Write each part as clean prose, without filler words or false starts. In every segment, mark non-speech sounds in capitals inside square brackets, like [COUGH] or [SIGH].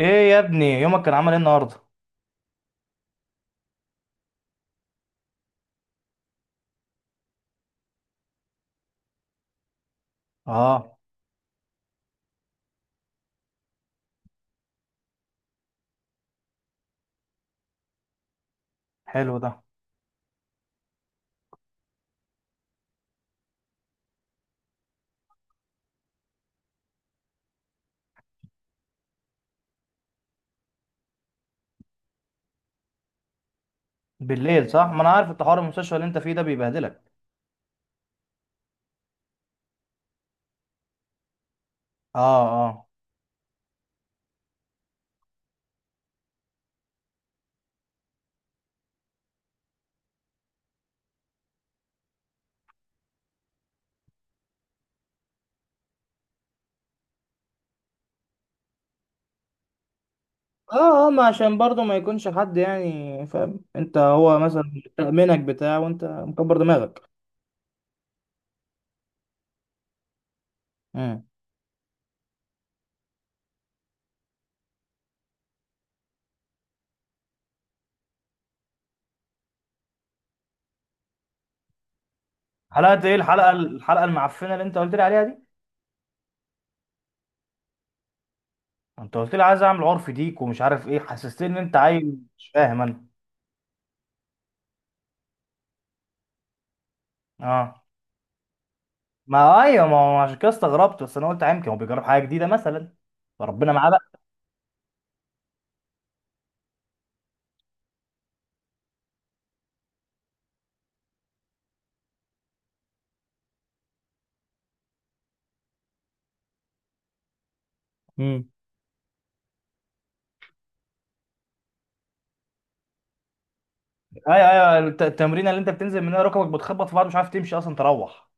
ايه يا ابني، يومك كان عامل ايه النهارده؟ اه. حلو ده. بالليل صح؟ ما انا عارف انت حوار المستشفى اللي انت فيه ده بيبهدلك. اه، اه، اه، اه. ما عشان برضه ما يكونش حد يعني فاهم انت، هو مثلا تأمينك بتاع وانت مكبر دماغك. امم. حلقه ايه؟ الحلقه المعفنه اللي انت قلت لي عليها دي؟ انت قلت لي عايز اعمل عرف ديك ومش عارف ايه، حسستني ان انت عايز. مش فاهم انا. اه. ما ايوه، ما هو عشان كده استغربت، بس انا قلت يمكن هو بيجرب حاجه جديده مثلا. فربنا معاه. بقى ايوه، ايوه، التمرينه اللي انت بتنزل منها ركبك بتخبط في بعض، مش عارف تمشي اصلا تروح.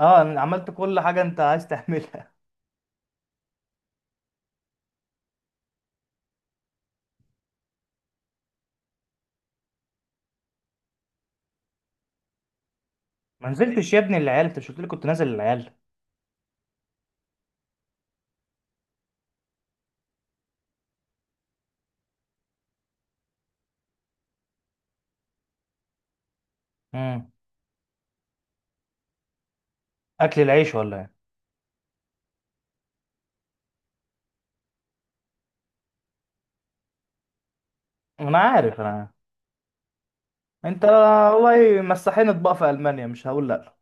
اه، أنا عملت كل حاجه انت عايز تعملها. [LAUGHS] ما نزلتش يا ابني العيال؟ انت مش قلت لي كنت نازل العيال؟ امم. اكل العيش ولا ايه؟ انا عارف، انا عارف. انت والله مسحين اطباق في المانيا مش هقول لا.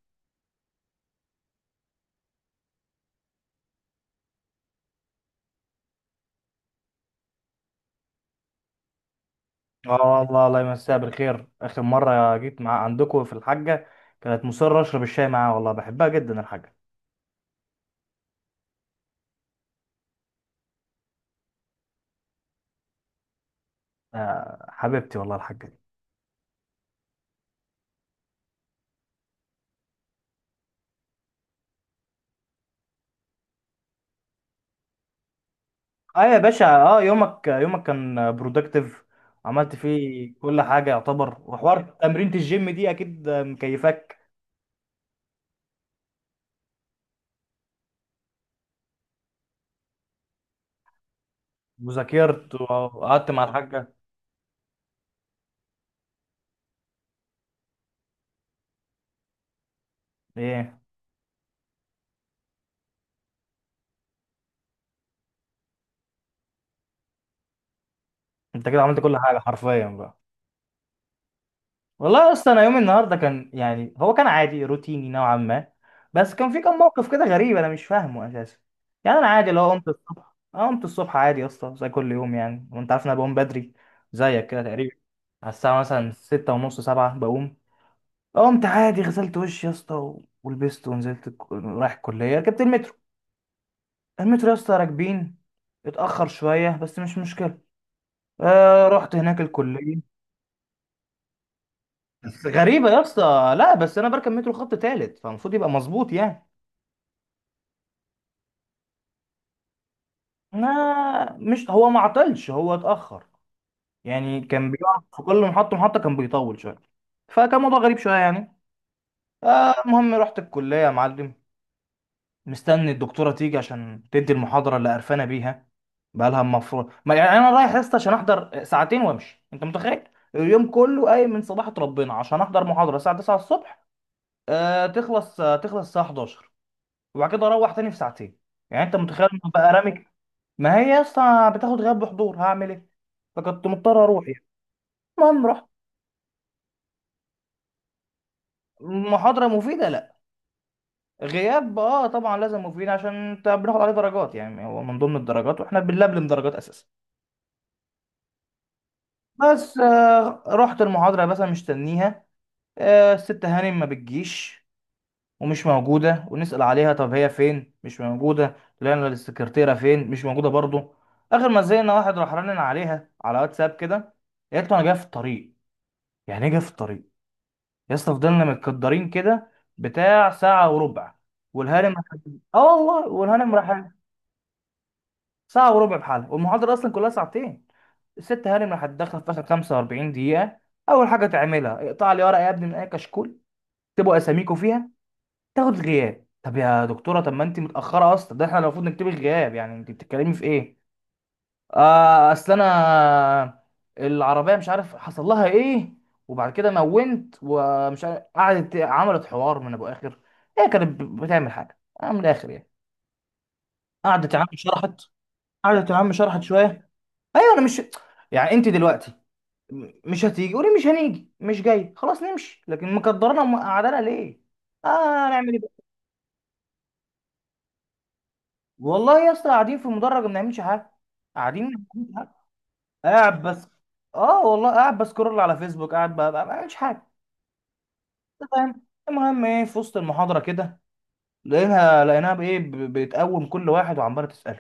اه، والله الله يمسيها بالخير، اخر مره جيت مع عندكم في الحاجه كانت مصره اشرب الشاي معاها، والله بحبها جدا الحاجه. آه، حبيبتي والله الحاجه. اه يا باشا، اه، يومك كان برودكتيف، عملت فيه كل حاجه يعتبر، وحوار تمرينة الجيم دي اكيد مكيفاك. وذاكرت وقعدت مع الحاجه. ايه، انت كده عملت كل حاجه حرفيا بقى. والله اصلا انا يومي النهارده كان، يعني هو كان عادي روتيني نوعا ما، بس كان في كم موقف كده غريب انا مش فاهمه اساسا. يعني انا عادي لو قمت الصبح، أنا قمت الصبح عادي يا اسطى زي كل يوم يعني، وانت عارف إن انا بقوم بدري زيك كده تقريبا. على الساعه مثلا ستة ونص سبعة بقوم. قمت عادي، غسلت وشي يا اسطى ولبست ونزلت، رايح الكليه، ركبت المترو. المترو يا اسطى راكبين، اتاخر شويه بس مش مشكله. رحت هناك الكليه. بس غريبه يا اسطى، لا، بس انا بركب مترو خط تالت فالمفروض يبقى مظبوط يعني. ما مش هو، ما عطلش، هو اتاخر. يعني كان بيقف في كل محطه محطه، كان بيطول شويه. فكان موضوع غريب شويه يعني. المهم رحت الكليه يا معلم، مستني الدكتوره تيجي عشان تدي المحاضره اللي قرفانه بيها. بقالها، المفروض، ما يعني انا رايح يا اسطى عشان احضر ساعتين وامشي، انت متخيل؟ اليوم كله قايم من صباحة ربنا عشان احضر محاضره الساعه 9 الصبح، تخلص الساعه 11، وبعد كده اروح تاني في ساعتين. يعني انت متخيل إن بقى رامي؟ ما هي يا اسطى بتاخد غياب بحضور، هعمل ايه؟ فكنت مضطر اروح يعني. المهم رحت. محاضره مفيده؟ لا. غياب، اه طبعا لازم، مفيد عشان انت بناخد عليه درجات، يعني هو من ضمن الدرجات واحنا بنلبلم درجات اساسا. بس رحت المحاضرة يا باشا مستنيها. الست هانم ما بتجيش ومش موجودة، ونسأل عليها طب هي فين، مش موجودة، لقينا السكرتيرة فين، مش موجودة برضو. آخر ما زهقنا، واحد راح رنن عليها على واتساب كده، قالت له أنا جاي في الطريق. يعني إيه جاي في الطريق؟ يا اسطى فضلنا متكدرين كده بتاع ساعة وربع، والهانم، اه والله، والهانم راح، ساعة وربع بحالها، والمحاضرة أصلا كلها ساعتين. الست هانم راح تدخل في اخر 45 دقيقه، اول حاجه تعملها اقطع لي ورقه يا ابني من اي كشكول، اكتبوا اساميكم فيها. تاخد غياب؟ طب يا دكتوره، طب ما انت متاخره اصلا، ده احنا المفروض نكتب الغياب، يعني انت بتتكلمي في ايه؟ اصل انا العربيه مش عارف حصل لها ايه، وبعد كده مونت ومش عارف، قعدت عملت حوار من ابو اخر. هي كانت بتعمل حاجه من الاخر يعني. قعدت يا عم شرحت، قعدت يا عم شرحت شويه. ايوه، انا مش، يعني انت دلوقتي مش هتيجي، وليه مش هنيجي، مش جاي خلاص نمشي، لكن مكدرنا ومقعدنا ليه؟ اه، هنعمل ايه بقى. والله يا اسطى قاعدين في المدرج ما بنعملش حاجه، قاعدين ما بنعملش حاجه، قاعد بس. اه والله، قاعد بسكرول على فيسبوك، قاعد ما بعملش حاجه. أنت فاهم المهم ايه، في وسط المحاضره كده لقيناها بايه، بتقوم كل واحد وعماله تساله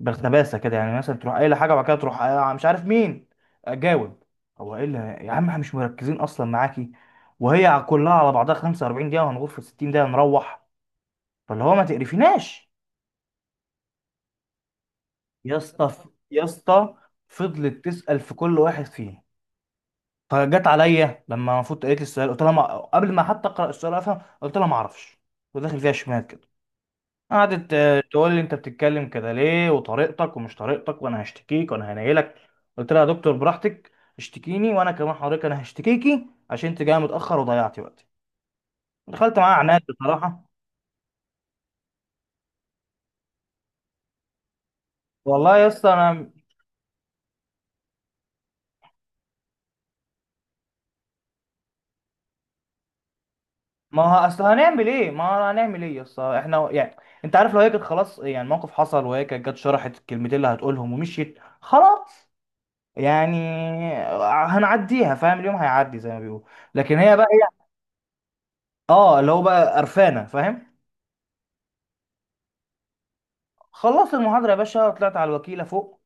بالخباثه كده، يعني مثلا تروح قايله حاجه وبعد كده تروح مش عارف مين جاوب. هو ايه اللي، يا عم احنا مش مركزين اصلا معاكي، وهي كلها على بعضها 45 دقيقه، وهنغور في 60 دقيقه نروح، فاللي هو ما تقرفيناش. يا اسطى، يا اسطى، فضلت تسال في كل واحد فيهم، فجت عليا، لما المفروض قالت لي السؤال، قلت لها ما... قبل ما حتى اقرا السؤال افهم قلت لها ما اعرفش، وداخل فيها شمال كده. قعدت تقول لي انت بتتكلم كده ليه، وطريقتك ومش طريقتك، وانا هشتكيك وانا هنيلك. قلت لها يا دكتور براحتك، اشتكيني، وانا كمان حضرتك انا هشتكيكي عشان انت جايه متاخر وضيعتي وقتي. دخلت معاها عناد بصراحه. والله يا اسطى انا، ما هو اصل هنعمل ايه، ما هو هنعمل ايه يا اسطى احنا يعني. انت عارف لو هي كانت، خلاص يعني الموقف حصل، وهي كانت جت شرحت الكلمتين اللي هتقولهم ومشيت خلاص، يعني هنعديها، فاهم، اليوم هيعدي زي ما بيقول. لكن هي بقى ايه؟ اه، اللي هو بقى قرفانه، فاهم. خلصت المحاضرة يا باشا، طلعت على الوكيلة فوق،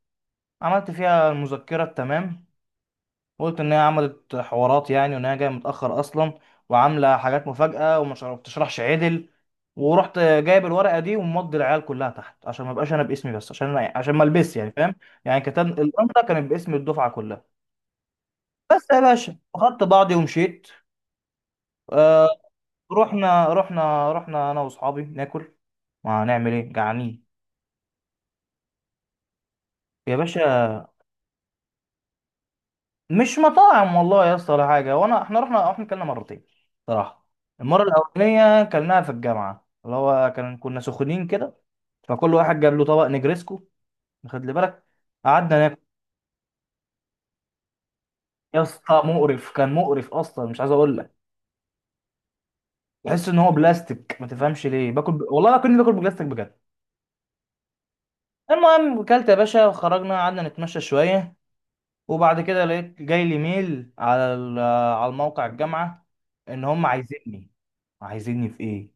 عملت فيها المذكرة التمام، وقلت إن هي عملت حوارات يعني، وإن هي جاية متأخر أصلا، وعاملة حاجات مفاجأة وما بتشرحش عدل. ورحت جايب الورقة دي ومضي العيال كلها تحت عشان ما بقاش أنا باسمي بس، عشان أنا، عشان ما البس يعني، فاهم، يعني كتاب الأنطة كانت باسم الدفعة كلها. بس يا باشا أخدت بعضي ومشيت. آه، رحنا أنا وأصحابي ناكل، ما هنعمل إيه، جعانين. يا باشا، مش مطاعم والله يا اسطى ولا حاجه. احنا رحنا احنا كلنا مرتين صراحه. المره الاولانيه كلناها في الجامعه، اللي هو كان كنا سخنين كده، فكل واحد جاب له طبق نجريسكو. خد لي بالك، قعدنا ناكل يا اسطى مقرف، كان مقرف اصلا مش عايز اقول لك، تحس ان هو بلاستيك، ما تفهمش ليه باكل والله كنت باكل بلاستيك بجد. المهم اكلت يا باشا، وخرجنا قعدنا نتمشى شويه، وبعد كده لقيت جاي لي ميل على على الموقع الجامعه، ان هم عايزيني. عايزيني في ايه؟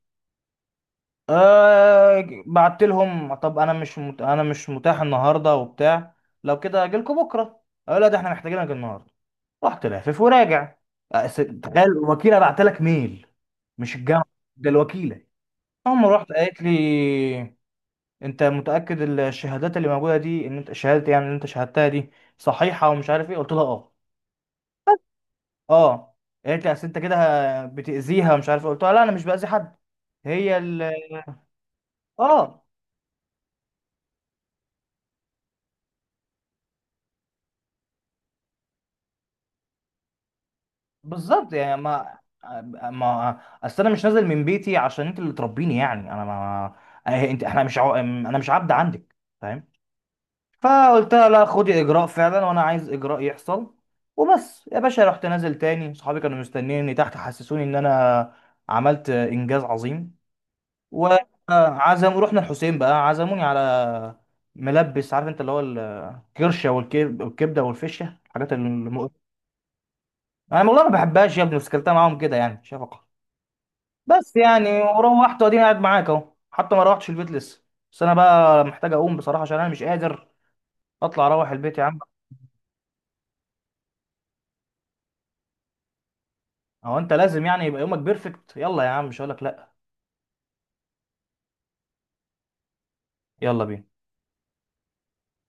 أه بعت لهم طب انا مش مت... انا مش متاح النهارده وبتاع، لو كده اجيلكوا بكره. أه لا ده احنا محتاجينك النهارده. رحت لافف وراجع. أه، تخيل الوكيله بعت لك ميل، مش الجامعه، ده الوكيله. هم، رحت قالت لي انت متاكد الشهادات اللي موجوده دي ان انت شهاده، يعني اللي انت شهادتها دي صحيحه ومش عارف ايه، قلت لها اه. اه، قالت لي اصل انت كده بتاذيها ومش عارف إيه، قلت لها لا انا مش باذي حد، هي ال، اه بالظبط يعني ما، ما اصل انا مش نازل من بيتي عشان انت اللي تربيني، يعني انا ما، انت احنا مش عو... انا مش عبد عندك، فاهم. فقلت لها لا خدي اجراء فعلا، وانا عايز اجراء يحصل. وبس يا باشا رحت نازل تاني، صحابي كانوا مستنيني تحت، حسسوني ان انا عملت انجاز عظيم، وعزم رحنا الحسين بقى، عزموني على ملبس، عارف انت اللي هو الكرشه والكبده والفشه، الحاجات المقرفه. انا والله ما بحبهاش يا ابني، بس كلتها معاهم كده يعني شفقه. بس يعني وروحت، واديني قاعد معاك اهو، حتى ما روحتش البيت لسه. بس انا بقى محتاج اقوم بصراحه، عشان انا مش قادر اطلع اروح البيت يا عم. هو انت لازم يعني يبقى يومك بيرفكت؟ يلا يا عم مش هقولك لا. يلا بينا.